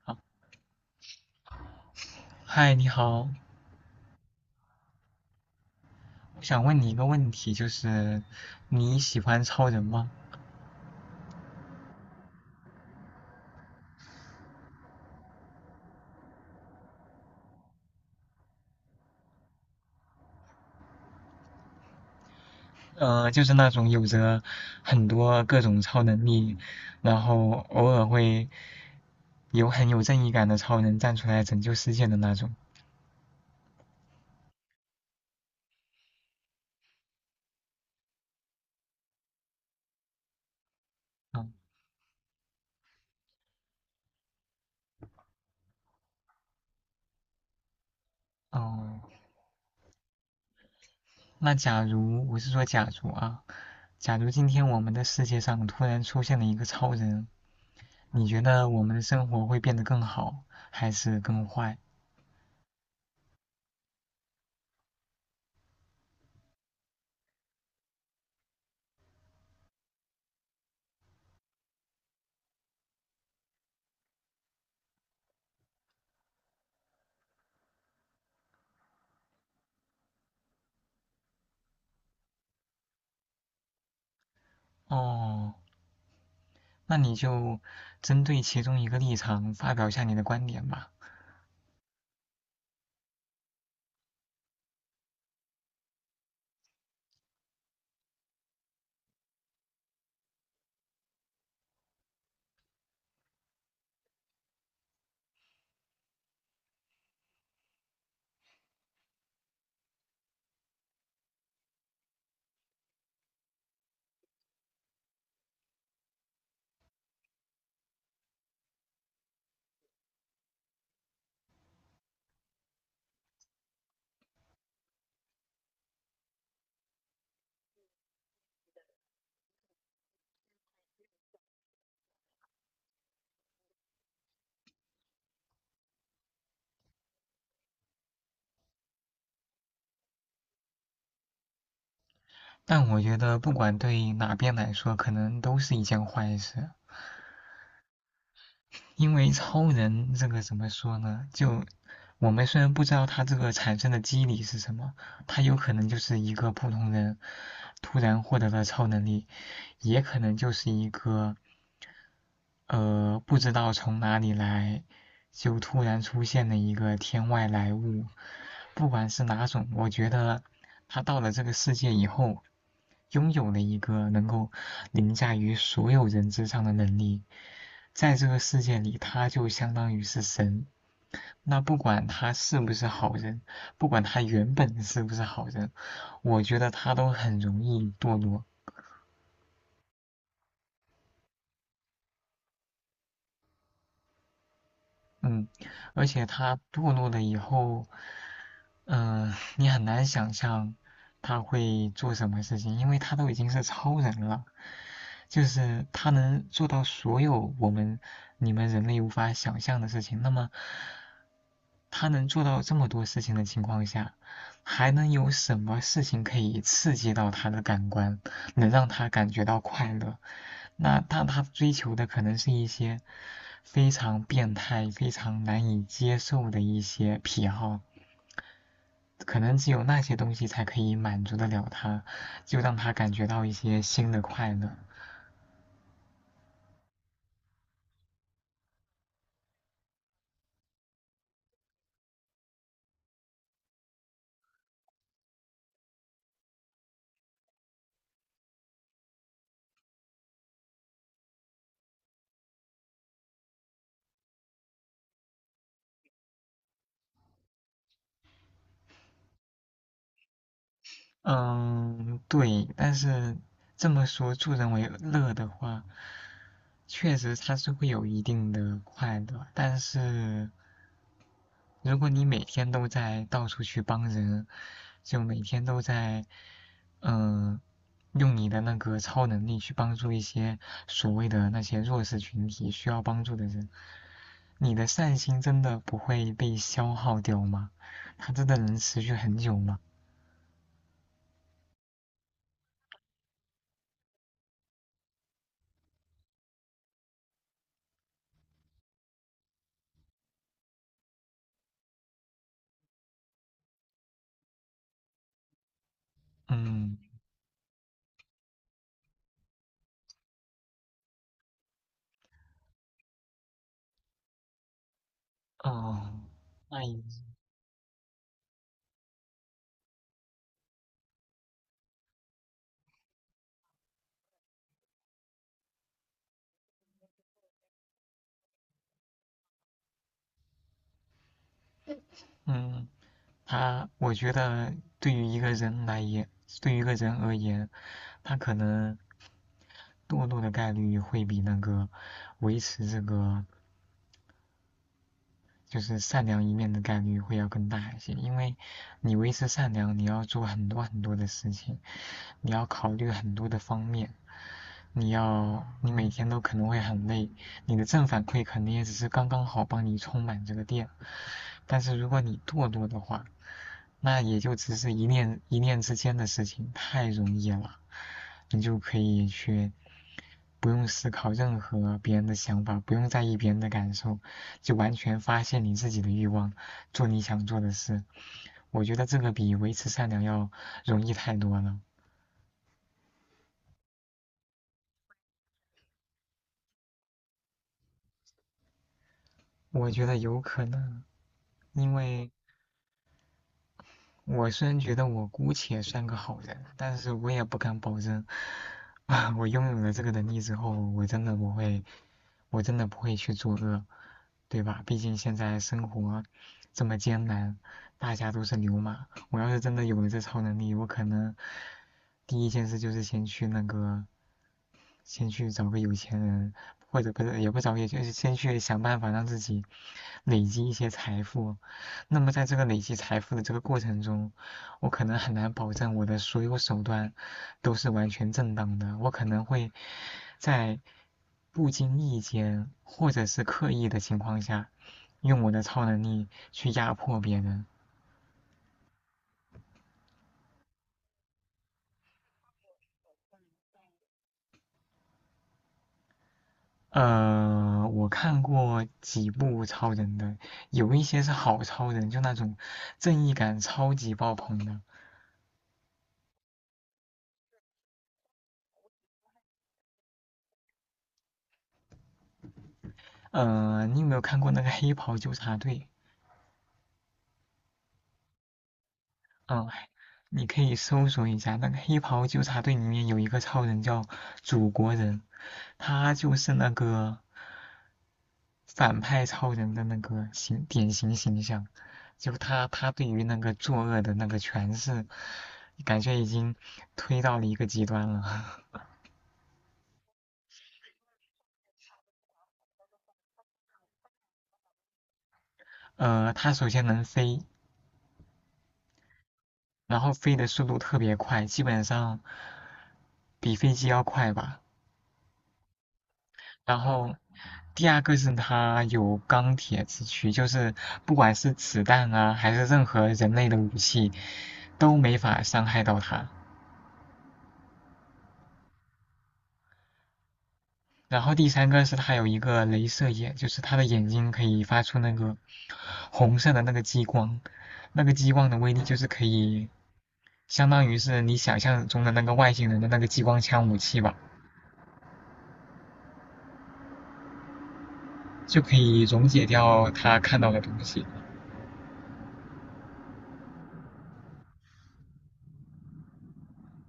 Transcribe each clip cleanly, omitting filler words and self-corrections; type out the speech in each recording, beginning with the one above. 好，嗨，你好，我想问你一个问题，就是你喜欢超人吗？就是那种有着很多各种超能力，然后偶尔会有很有正义感的超人站出来拯救世界的那种。嗯，哦，那假如我是说假如啊，假如今天我们的世界上突然出现了一个超人，你觉得我们的生活会变得更好还是更坏？哦，那你就针对其中一个立场发表一下你的观点吧。但我觉得，不管对哪边来说，可能都是一件坏事，因为超人这个怎么说呢？就我们虽然不知道他这个产生的机理是什么，他有可能就是一个普通人突然获得了超能力，也可能就是一个不知道从哪里来，就突然出现了一个天外来物。不管是哪种，我觉得他到了这个世界以后，拥有了一个能够凌驾于所有人之上的能力。在这个世界里，他就相当于是神。那不管他是不是好人，不管他原本是不是好人，我觉得他都很容易堕落。嗯，而且他堕落了以后，你很难想象他会做什么事情，因为他都已经是超人了，就是他能做到所有我们你们人类无法想象的事情。那么，他能做到这么多事情的情况下，还能有什么事情可以刺激到他的感官，能让他感觉到快乐？那但他追求的可能是一些非常变态、非常难以接受的一些癖好。可能只有那些东西才可以满足得了他，就让他感觉到一些新的快乐。嗯，对，但是这么说助人为乐的话，确实他是会有一定的快乐，但是如果你每天都在到处去帮人，就每天都在嗯。呃用你的那个超能力去帮助一些所谓的那些弱势群体需要帮助的人，你的善心真的不会被消耗掉吗？它真的能持续很久吗？嗯，哦，那嗯，我觉得对于一个人来言，对于一个人而言，他可能堕落的概率会比那个维持这个就是善良一面的概率会要更大一些，因为你维持善良，你要做很多很多的事情，你要考虑很多的方面，你每天都可能会很累，你的正反馈肯定也只是刚刚好帮你充满这个电，但是如果你堕落的话，那也就只是一念之间的事情，太容易了，你就可以去不用思考任何别人的想法，不用在意别人的感受，就完全发现你自己的欲望，做你想做的事。我觉得这个比维持善良要容易太多了，我觉得有可能，因为。我虽然觉得我姑且算个好人，但是我也不敢保证，啊，我拥有了这个能力之后，我真的不会去作恶，对吧？毕竟现在生活这么艰难，大家都是牛马。我要是真的有了这超能力，我可能第一件事就是先去那个找个有钱人，或者不是也不找，也就是先去想办法让自己累积一些财富。那么在这个累积财富的这个过程中，我可能很难保证我的所有手段都是完全正当的，我可能会在不经意间或者是刻意的情况下，用我的超能力去压迫别人。我看过几部超人的，有一些是好超人，就那种正义感超级爆棚的。你有没有看过那个《黑袍纠察队》？嗯，你可以搜索一下，那个《黑袍纠察队》里面有一个超人叫祖国人，他就是那个反派超人的那个典型形象，就他对于那个作恶的那个诠释，感觉已经推到了一个极端了。它首先能飞，然后飞的速度特别快，基本上比飞机要快吧。然后第二个是它有钢铁之躯，就是不管是子弹啊，还是任何人类的武器，都没法伤害到它。然后第三个是它有一个镭射眼，就是它的眼睛可以发出那个红色的那个激光，那个激光的威力就是可以。相当于是你想象中的那个外星人的那个激光枪武器吧，就可以溶解掉他看到的东西。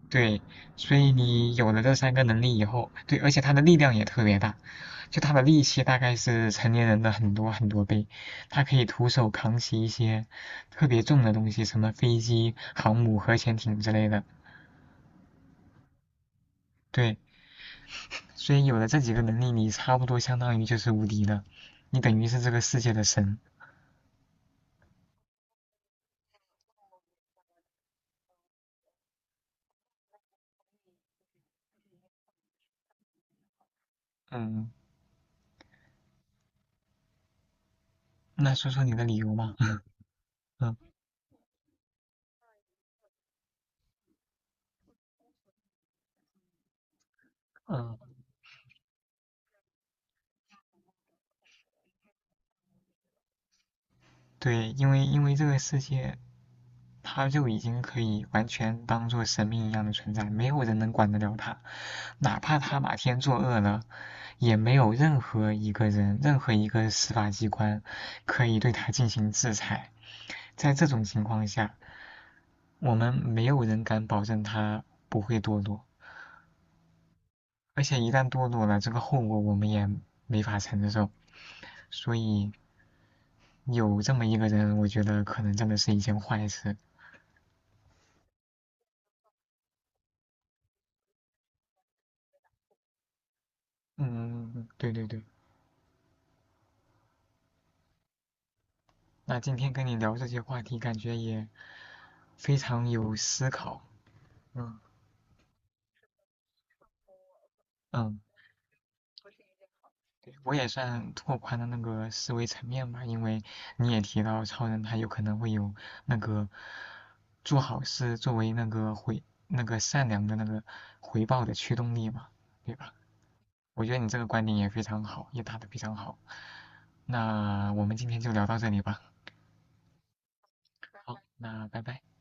对，所以你有了这三个能力以后，对，而且他的力量也特别大，就他的力气大概是成年人的很多很多倍，他可以徒手扛起一些特别重的东西，什么飞机、航母、核潜艇之类的。对，所以有了这几个能力，你差不多相当于就是无敌的，你等于是这个世界的神。嗯，那说说你的理由吧。嗯嗯。对，因为这个世界，他就已经可以完全当做神明一样的存在，没有人能管得了他，哪怕他哪天作恶了，也没有任何一个人、任何一个司法机关可以对他进行制裁。在这种情况下，我们没有人敢保证他不会堕落，而且一旦堕落了，这个后果我们也没法承受。所以有这么一个人，我觉得可能真的是一件坏事。嗯，嗯嗯对对对。那今天跟你聊这些话题，感觉也非常有思考。嗯嗯，对我也算拓宽了那个思维层面吧，因为你也提到超人他有可能会有那个做好事作为那个回那个善良的那个回报的驱动力嘛，对吧？我觉得你这个观点也非常好，也打得非常好。那我们今天就聊到这里吧。好，那拜拜。